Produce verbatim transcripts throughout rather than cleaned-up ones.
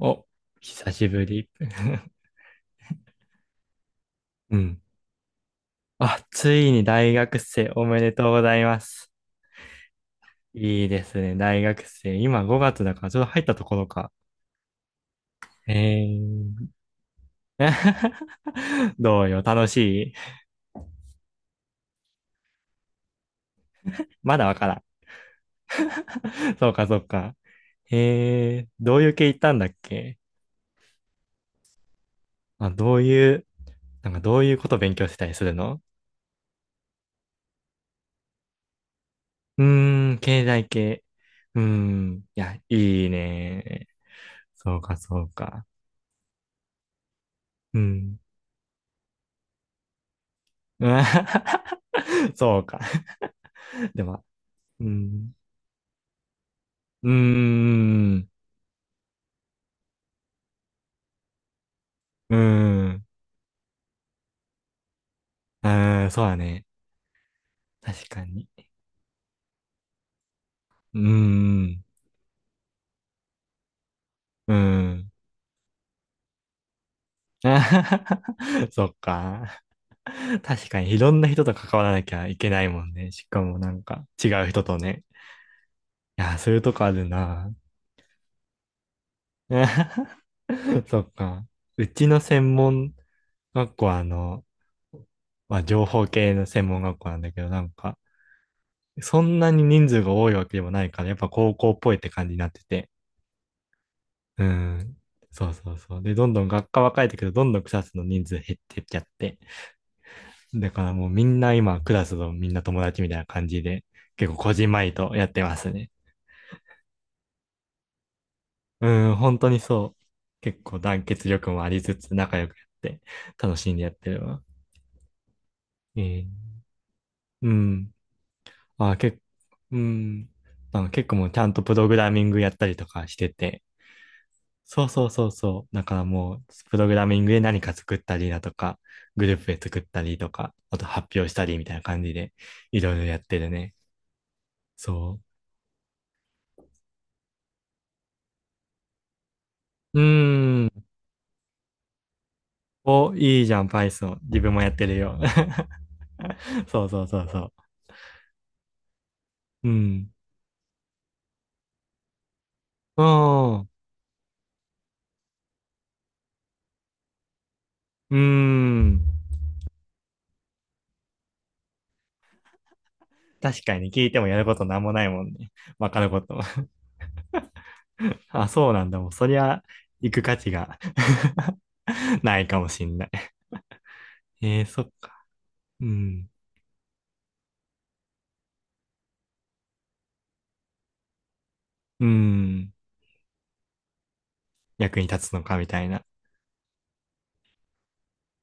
お、久しぶり。うん。あ、ついに大学生おめでとうございます。いいですね、大学生。今ごがつだから、ちょうど入ったところか。えー。どうよ、楽しい？まだわからん。そうか、そうか。えー、どういう系行ったんだっけ？あ、どういう、なんかどういうこと勉強してたりするの？うーん、経済系。うーん、いや、いいね。そうか、そうか。うん。うん。 そうか。でも、うん。うーん。うーん。うーん。そうだね。確かに。うーん。うーん。そっか。確かに、いろんな人と関わらなきゃいけないもんね。しかもなんか、違う人とね。いやー、そういうとこあるな。そっか。うちの専門学校は、あの、まあ、情報系の専門学校なんだけど、なんか、そんなに人数が多いわけでもないから、やっぱ高校っぽいって感じになってて。うん。そうそうそう。で、どんどん学科は変えてけど、どんどんクラスの人数減ってっちゃって。だからもうみんな今、クラスのみんな友達みたいな感じで、結構こじんまりとやってますね。うん、本当にそう。結構団結力もありつつ仲良くやって楽しんでやってるわ。えーうん。あ、け、うん。なんか結構もうちゃんとプログラミングやったりとかしてて。そうそうそうそう。だからもう、プログラミングで何か作ったりだとか、グループで作ったりとか、あと発表したりみたいな感じで、いろいろやってるね。そう。うーん。お、いいじゃん、Python。自分もやってるよ。そうそうそうそう。うん。うん。うーん。確かに聞いてもやることなんもないもんね。わかることも。あ、そうなんだ。もう、そりゃ、行く価値が ないかもしんない。えー、そっか。うん。うん。役に立つのか、みたいな。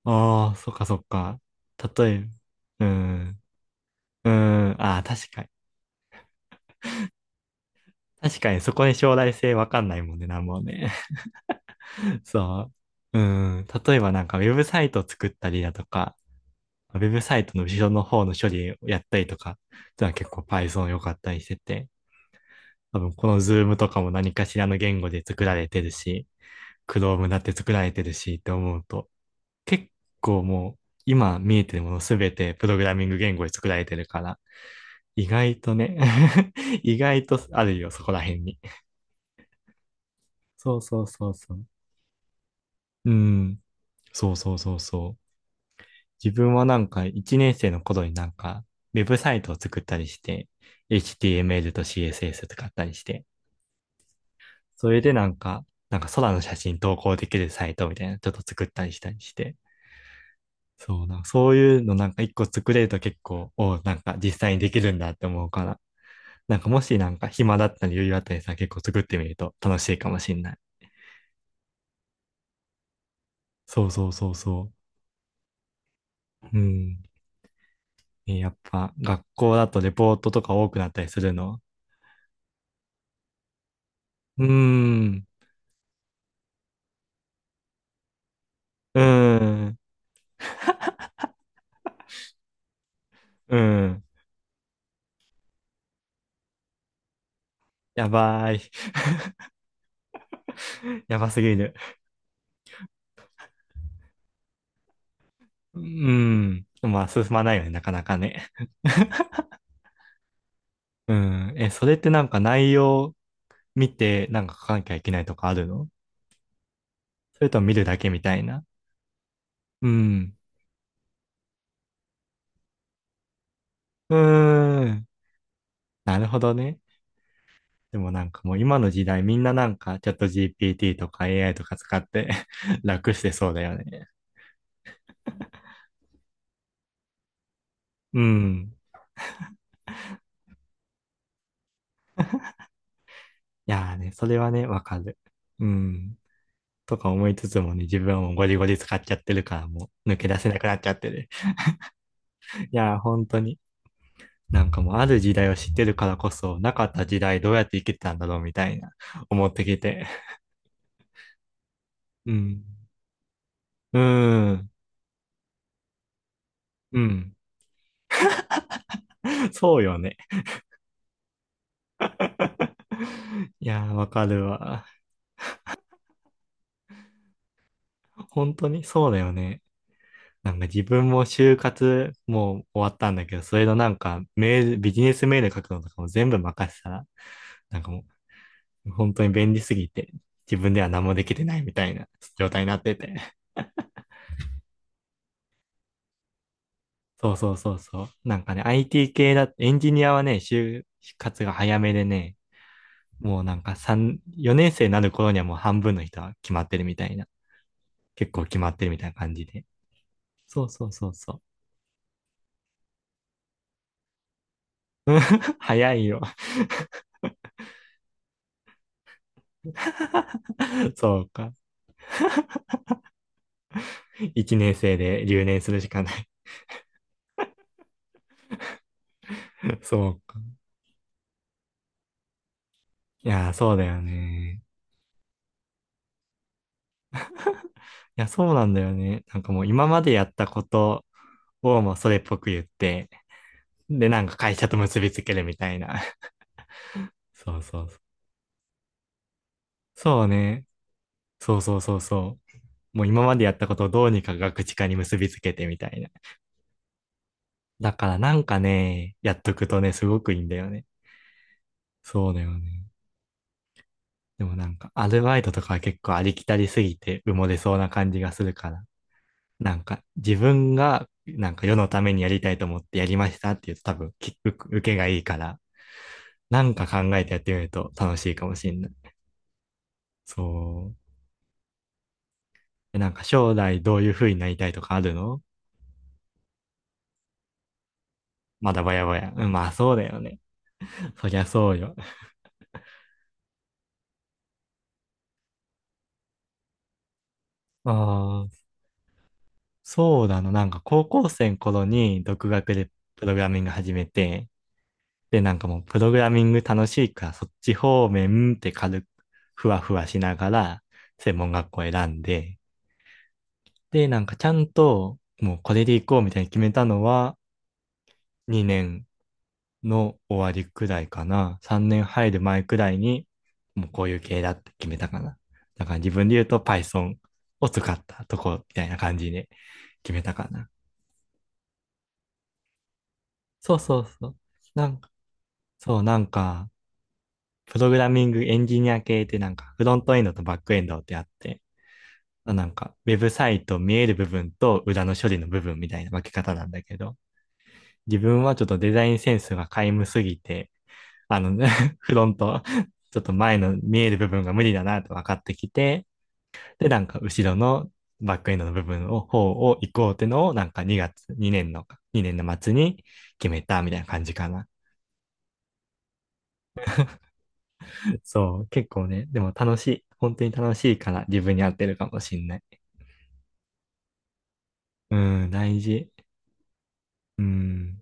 ああ、そっかそっか。例えば、うん。うん。ああ、確かに。確かに、そこに将来性わかんないもんね、なんもね。そう。うん。例えばなんかウェブサイトを作ったりだとか、ウェブサイトの後ろの方の処理をやったりとか、ってのは結構 Python 良かったりしてて、多分この Zoom とかも何かしらの言語で作られてるし、Chrome だって作られてるしって思うと、結構もう今見えてるものすべてプログラミング言語で作られてるから、意外とね 意外とあるよ、そこら辺に。そうそうそうそう。うん。そうそうそうそう。自分はなんかいちねん生の頃になんかウェブサイトを作ったりして、エイチティーエムエル と シーエスエス 使ったりして、それでなんか、なんか空の写真投稿できるサイトみたいなちょっと作ったりしたりして、そうな、そういうのなんか一個作れると結構、おなんか実際にできるんだって思うから、なんかもしなんか暇だったり余裕あったりさ、結構作ってみると楽しいかもしんない。そうそうそうそう。うん。え、やっぱ学校だとレポートとか多くなったりするの？うーん。うーん。うん。やばい。やばすぎる。うん。まあ、進まないよね、なかなかね。うん。え、それってなんか内容見て、なんか書かなきゃいけないとかあるの？それとも見るだけみたいな。うん。うーん。なるほどね。でもなんかもう今の時代みんななんかチャット ジーピーティー とか エーアイ とか使って 楽してそうだよね。うん。いやーね、それはね、わかる。うん。とか思いつつもね、自分はもうゴリゴリ使っちゃってるからもう抜け出せなくなっちゃってる。いや、本当に。なんかもうある時代を知ってるからこそ、なかった時代どうやって生きてたんだろうみたいな、思ってきて。うん。うーん。うん。そうよね。いやー、わかるわ。本当にそうだよね。なんか自分も就活もう終わったんだけど、それのなんかメール、ビジネスメール書くのとかも全部任せたら、なんかもう本当に便利すぎて、自分では何もできてないみたいな状態になってて。そうそうそうそう。なんかね、アイティー 系だ、エンジニアはね、就活が早めでね、もうなんかさん、よねん生になる頃にはもう半分の人は決まってるみたいな。結構決まってるみたいな感じで。そうそうそうそう。早いよ。そうか。いちねん生で留年するしかない。そうか。いやー、そうだよね。いや、そうなんだよね。なんかもう今までやったことをもうそれっぽく言って、で、なんか会社と結びつけるみたいな。そうそうそうね。そうそうそうそう。もう今までやったことをどうにかガクチ化に結びつけてみたいな。だからなんかね、やっとくとね、すごくいいんだよね。そうだよね。でもなんか、アルバイトとかは結構ありきたりすぎて埋もれそうな感じがするから。なんか、自分がなんか世のためにやりたいと思ってやりましたっていうと多分、き受受けがいいから、なんか考えてやってみると楽しいかもしれない。そう。でなんか将来どういう風になりたいとかあるの？まだばやばや。うん、まあそうだよね。そりゃそうよ。ああ、そうだな。なんか高校生の頃に独学でプログラミング始めて、で、なんかもうプログラミング楽しいからそっち方面って軽くふわふわしながら専門学校選んで、で、なんかちゃんと、もうこれで行こうみたいに決めたのは、にねんの終わりくらいかな。さんねん入る前くらいに、もうこういう系だって決めたかな。だから自分で言うと Python を使ったとこみたいな感じで決めたかな。そうそうそう。なんか、そう、なんか、プログラミングエンジニア系ってなんか、フロントエンドとバックエンドってあって、なんか、ウェブサイト見える部分と裏の処理の部分みたいな分け方なんだけど、自分はちょっとデザインセンスが皆無すぎて、あの、フロント、ちょっと前の見える部分が無理だなと分かってきて、で、なんか後ろのバックエンドの部分を、方を行こうってのを、なんかにがつ、にねんの、にねんの末に決めたみたいな感じかな。そう、結構ね、でも楽しい。本当に楽しいから自分に合ってるかもしんない。うん、大事。うん。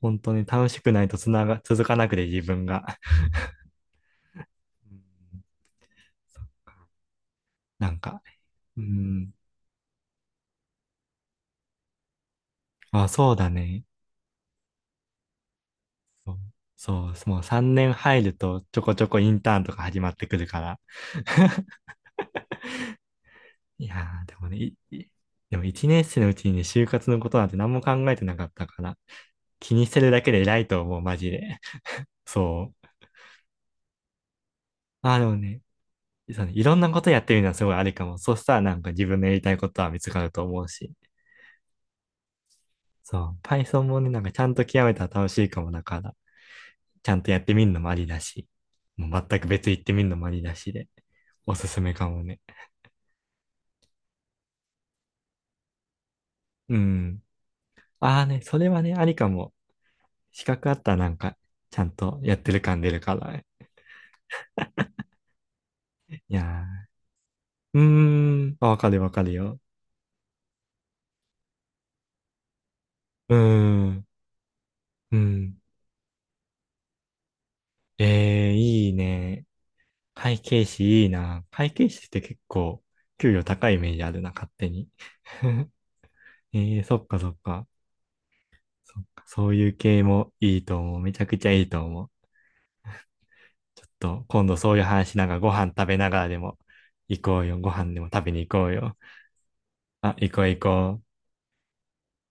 本当に楽しくないとつなが、続かなくて自分が。うん。なんか、うん、あ、そうだね。そう、そう、もうさんねん入るとちょこちょこインターンとか始まってくるから。いやー、でもね、いいでもいちねん生のうちにね、就活のことなんて何も考えてなかったから、気にしてるだけで偉いと思う、マジで。そう。あ、でもね、そうね、いろんなことやってみるのはすごいありかも。そしたらなんか自分のやりたいことは見つかると思うし。そう。Python もね、なんかちゃんと極めたら楽しいかもだから、ちゃんとやってみるのもありだし、もう全く別行ってみるのもありだしで、おすすめかもね。うん。ああね、それはね、ありかも。資格あったらなんか、ちゃんとやってる感出るから。いやー。うーん。あ、わかるわかるよ。うーん。うん。えー、いいね。会計士いいな。会計士って結構、給料高いイメージあるな、勝手に。えー、そっかそっか。そっかそういう系もいいと思う。めちゃくちゃいいと思う。ちょっと今度そういう話なんかご飯食べながらでも行こうよ。ご飯でも食べに行こうよ。あ、行こう行こう。